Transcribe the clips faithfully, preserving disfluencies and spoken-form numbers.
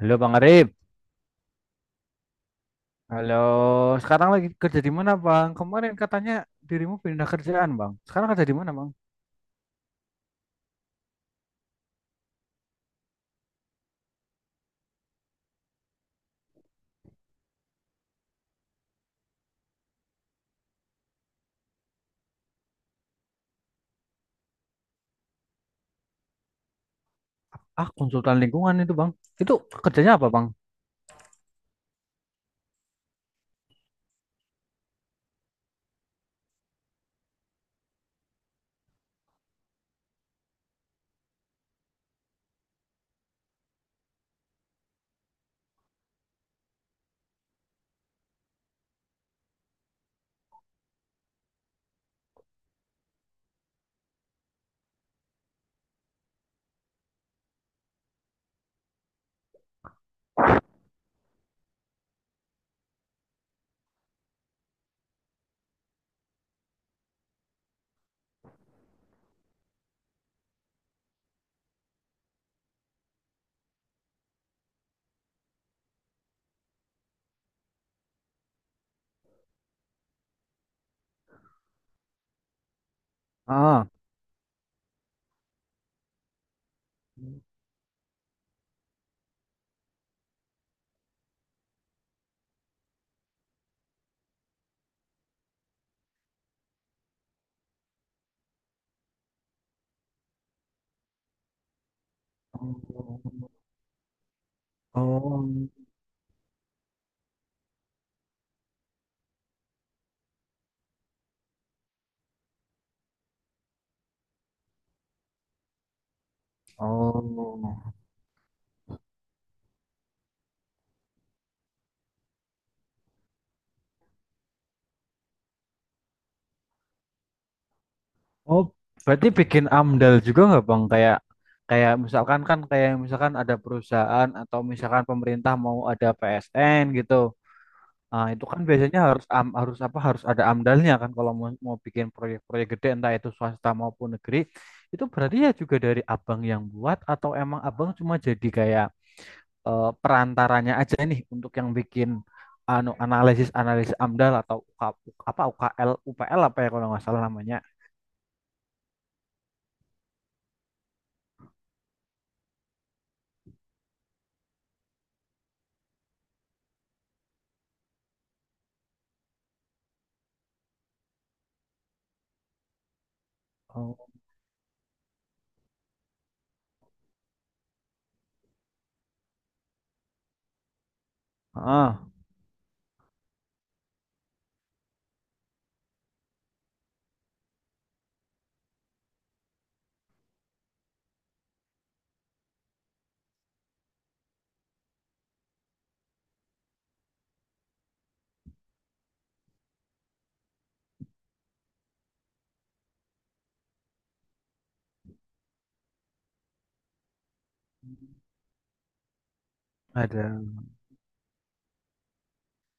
Halo Bang Arif. Halo, sekarang lagi kerja di mana Bang? Kemarin katanya dirimu pindah kerjaan Bang. Sekarang kerja di mana Bang? Ah, konsultan lingkungan itu Bang. Itu kerjanya apa Bang? Ah. Oh, oh, oh, berarti bikin AMDAL juga nggak Bang? Kayak kayak misalkan kan kayak misalkan ada perusahaan atau misalkan pemerintah mau ada P S N gitu. Ah, itu kan biasanya harus am- harus apa harus ada amdalnya kan kalau mau, mau bikin proyek-proyek gede entah itu swasta maupun negeri, itu berarti ya juga dari abang yang buat atau emang abang cuma jadi kayak eh, perantaranya aja nih untuk yang bikin anu analisis analisis amdal atau U K apa U K L U P L apa ya kalau nggak salah namanya. Oh. Ah. Ada.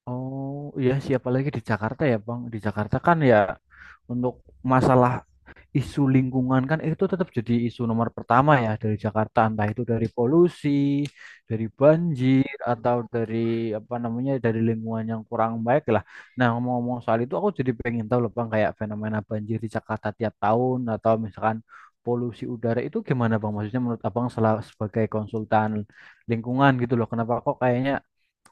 Oh, iya, siapa lagi di Jakarta ya Bang, di Jakarta kan ya, untuk masalah isu lingkungan kan itu tetap jadi isu nomor pertama ya dari Jakarta, entah itu dari polusi, dari banjir atau dari apa namanya, dari lingkungan yang kurang baik lah. Nah, ngomong-ngomong soal itu aku jadi pengen tahu loh Bang, kayak fenomena banjir di Jakarta tiap tahun atau misalkan polusi udara itu gimana Bang? Maksudnya menurut Abang sela- sebagai konsultan lingkungan gitu loh. Kenapa kok kayaknya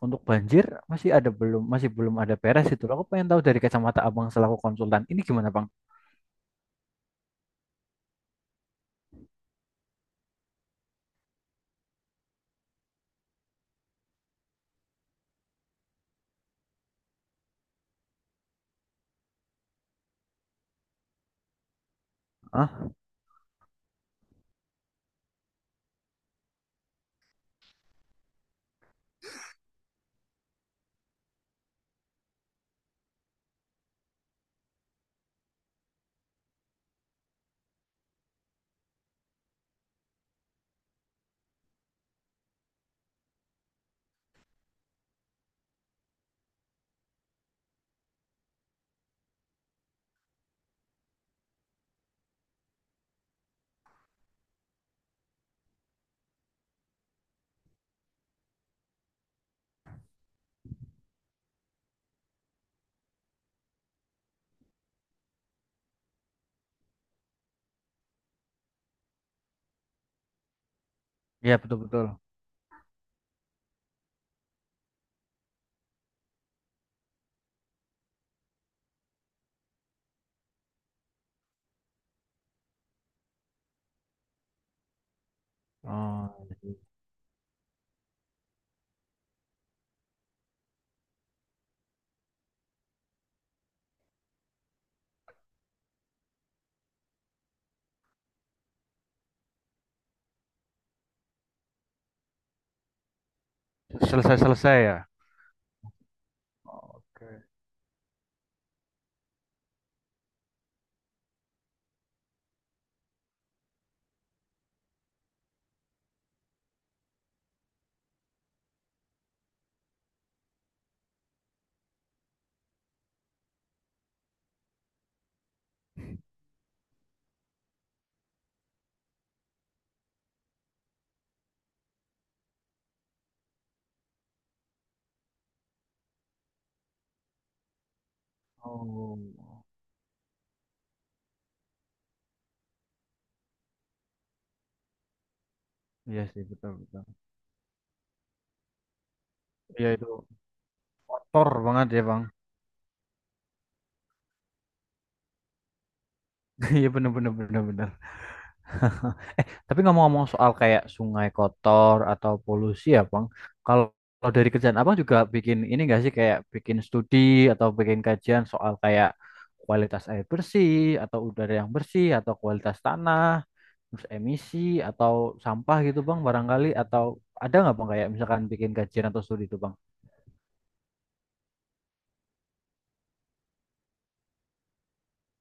untuk banjir masih ada belum masih belum ada beres itu loh. Aku pengen tahu dari kacamata Abang selaku konsultan. Ini gimana Bang? Ah, iya, betul-betul. Oh, selesai-selesai ya. Oke. Oh. Iya sih, betul betul. Iya itu tor banget ya Bang. Iya, bener bener bener bener. Eh, tapi ngomong-ngomong soal kayak sungai kotor atau polusi ya Bang. Kalau kalau dari kerjaan abang juga bikin ini nggak sih, kayak bikin studi atau bikin kajian soal kayak kualitas air bersih atau udara yang bersih atau kualitas tanah, terus emisi atau sampah gitu Bang, barangkali, atau ada nggak Bang kayak misalkan bikin kajian atau studi itu Bang?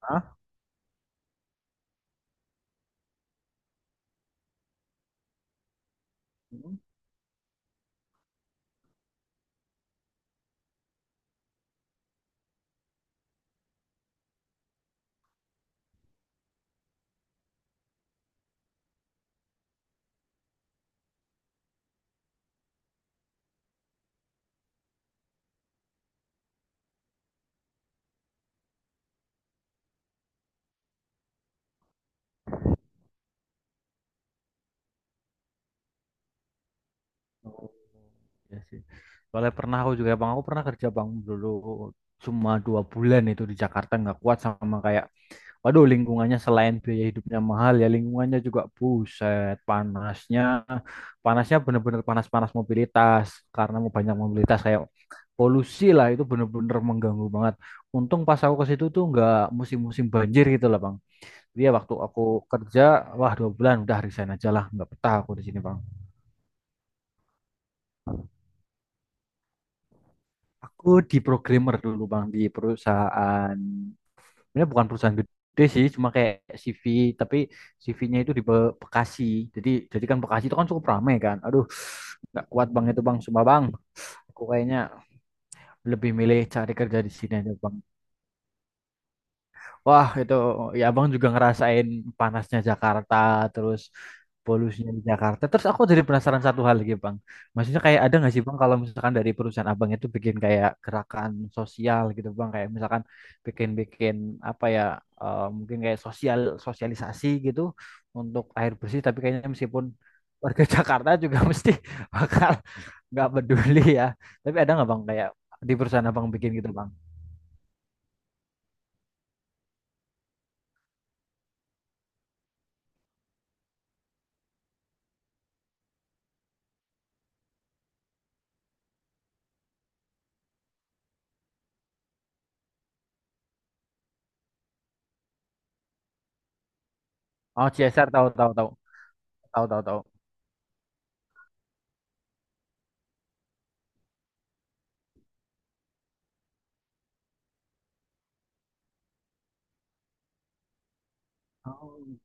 Hah? Hmm? Oh, iya sih. Soalnya pernah aku juga Bang, aku pernah kerja Bang dulu cuma dua bulan itu di Jakarta, nggak kuat sama kayak, waduh, lingkungannya selain biaya hidupnya mahal ya lingkungannya juga buset panasnya, panasnya bener-bener panas-panas. Mobilitas, karena mau banyak mobilitas, kayak polusi lah, itu bener-bener mengganggu banget. Untung pas aku ke situ tuh nggak musim-musim banjir gitu lah Bang. Dia waktu aku kerja, wah dua bulan udah resign aja lah, nggak betah aku di sini Bang. Aku di programmer dulu Bang, di perusahaan, sebenarnya bukan perusahaan gede sih, cuma kayak C V, tapi C V-nya itu di Be- Bekasi. Jadi jadi kan Bekasi itu kan cukup ramai kan. Aduh, nggak kuat Bang itu Bang, sumpah Bang. Aku kayaknya lebih milih cari kerja di sini aja Bang. Wah, itu ya Abang juga ngerasain panasnya Jakarta, terus polusinya di Jakarta. Terus aku jadi penasaran satu hal lagi, Bang. Maksudnya kayak ada nggak sih, Bang, kalau misalkan dari perusahaan Abang itu bikin kayak gerakan sosial gitu, Bang, kayak misalkan bikin-bikin apa ya, eh, mungkin kayak sosial sosialisasi gitu untuk air bersih, tapi kayaknya meskipun warga Jakarta juga mesti bakal nggak peduli ya. Tapi ada nggak, Bang, kayak di perusahaan Abang bikin gitu, Bang? Oh, C S R, tahu tahu tahu tahu tahu tahu. Oh.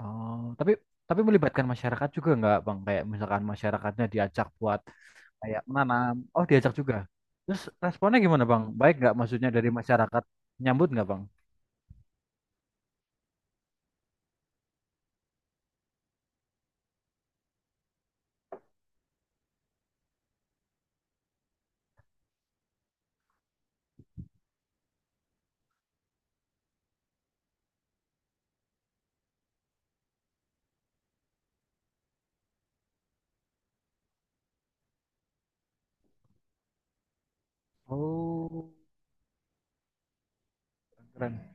Oh, tapi tapi melibatkan masyarakat juga nggak, Bang? Kayak misalkan masyarakatnya diajak buat kayak menanam. Oh, diajak juga. Terus responnya gimana, Bang? Baik nggak maksudnya dari masyarakat, nyambut nggak, Bang? Oh, keren.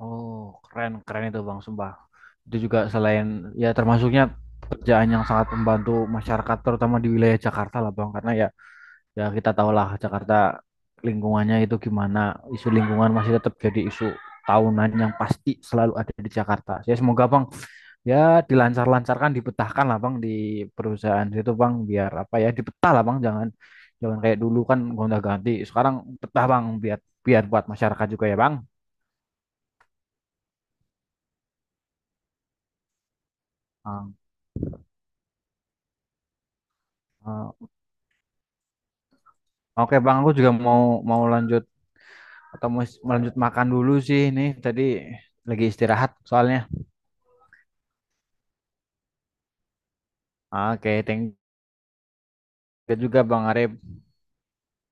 Oh, keren keren itu, Bang, sumpah. Itu juga selain ya termasuknya kerjaan yang sangat membantu masyarakat, terutama di wilayah Jakarta lah, Bang, karena ya, ya kita tahulah Jakarta lingkungannya itu gimana, isu lingkungan masih tetap jadi isu tahunan yang pasti selalu ada di Jakarta. Ya, semoga Bang, ya, dilancar-lancarkan, dipetahkan lah Bang di perusahaan itu Bang, biar apa ya, dipetah lah Bang, jangan jangan kayak dulu kan gonta-ganti, sekarang petah Bang, biar biar buat masyarakat juga ya Bang. Ah, ah. Oke Bang, aku juga mau mau lanjut atau mau lanjut makan dulu sih, ini tadi lagi istirahat soalnya. Oke, thank you juga Bang Arif.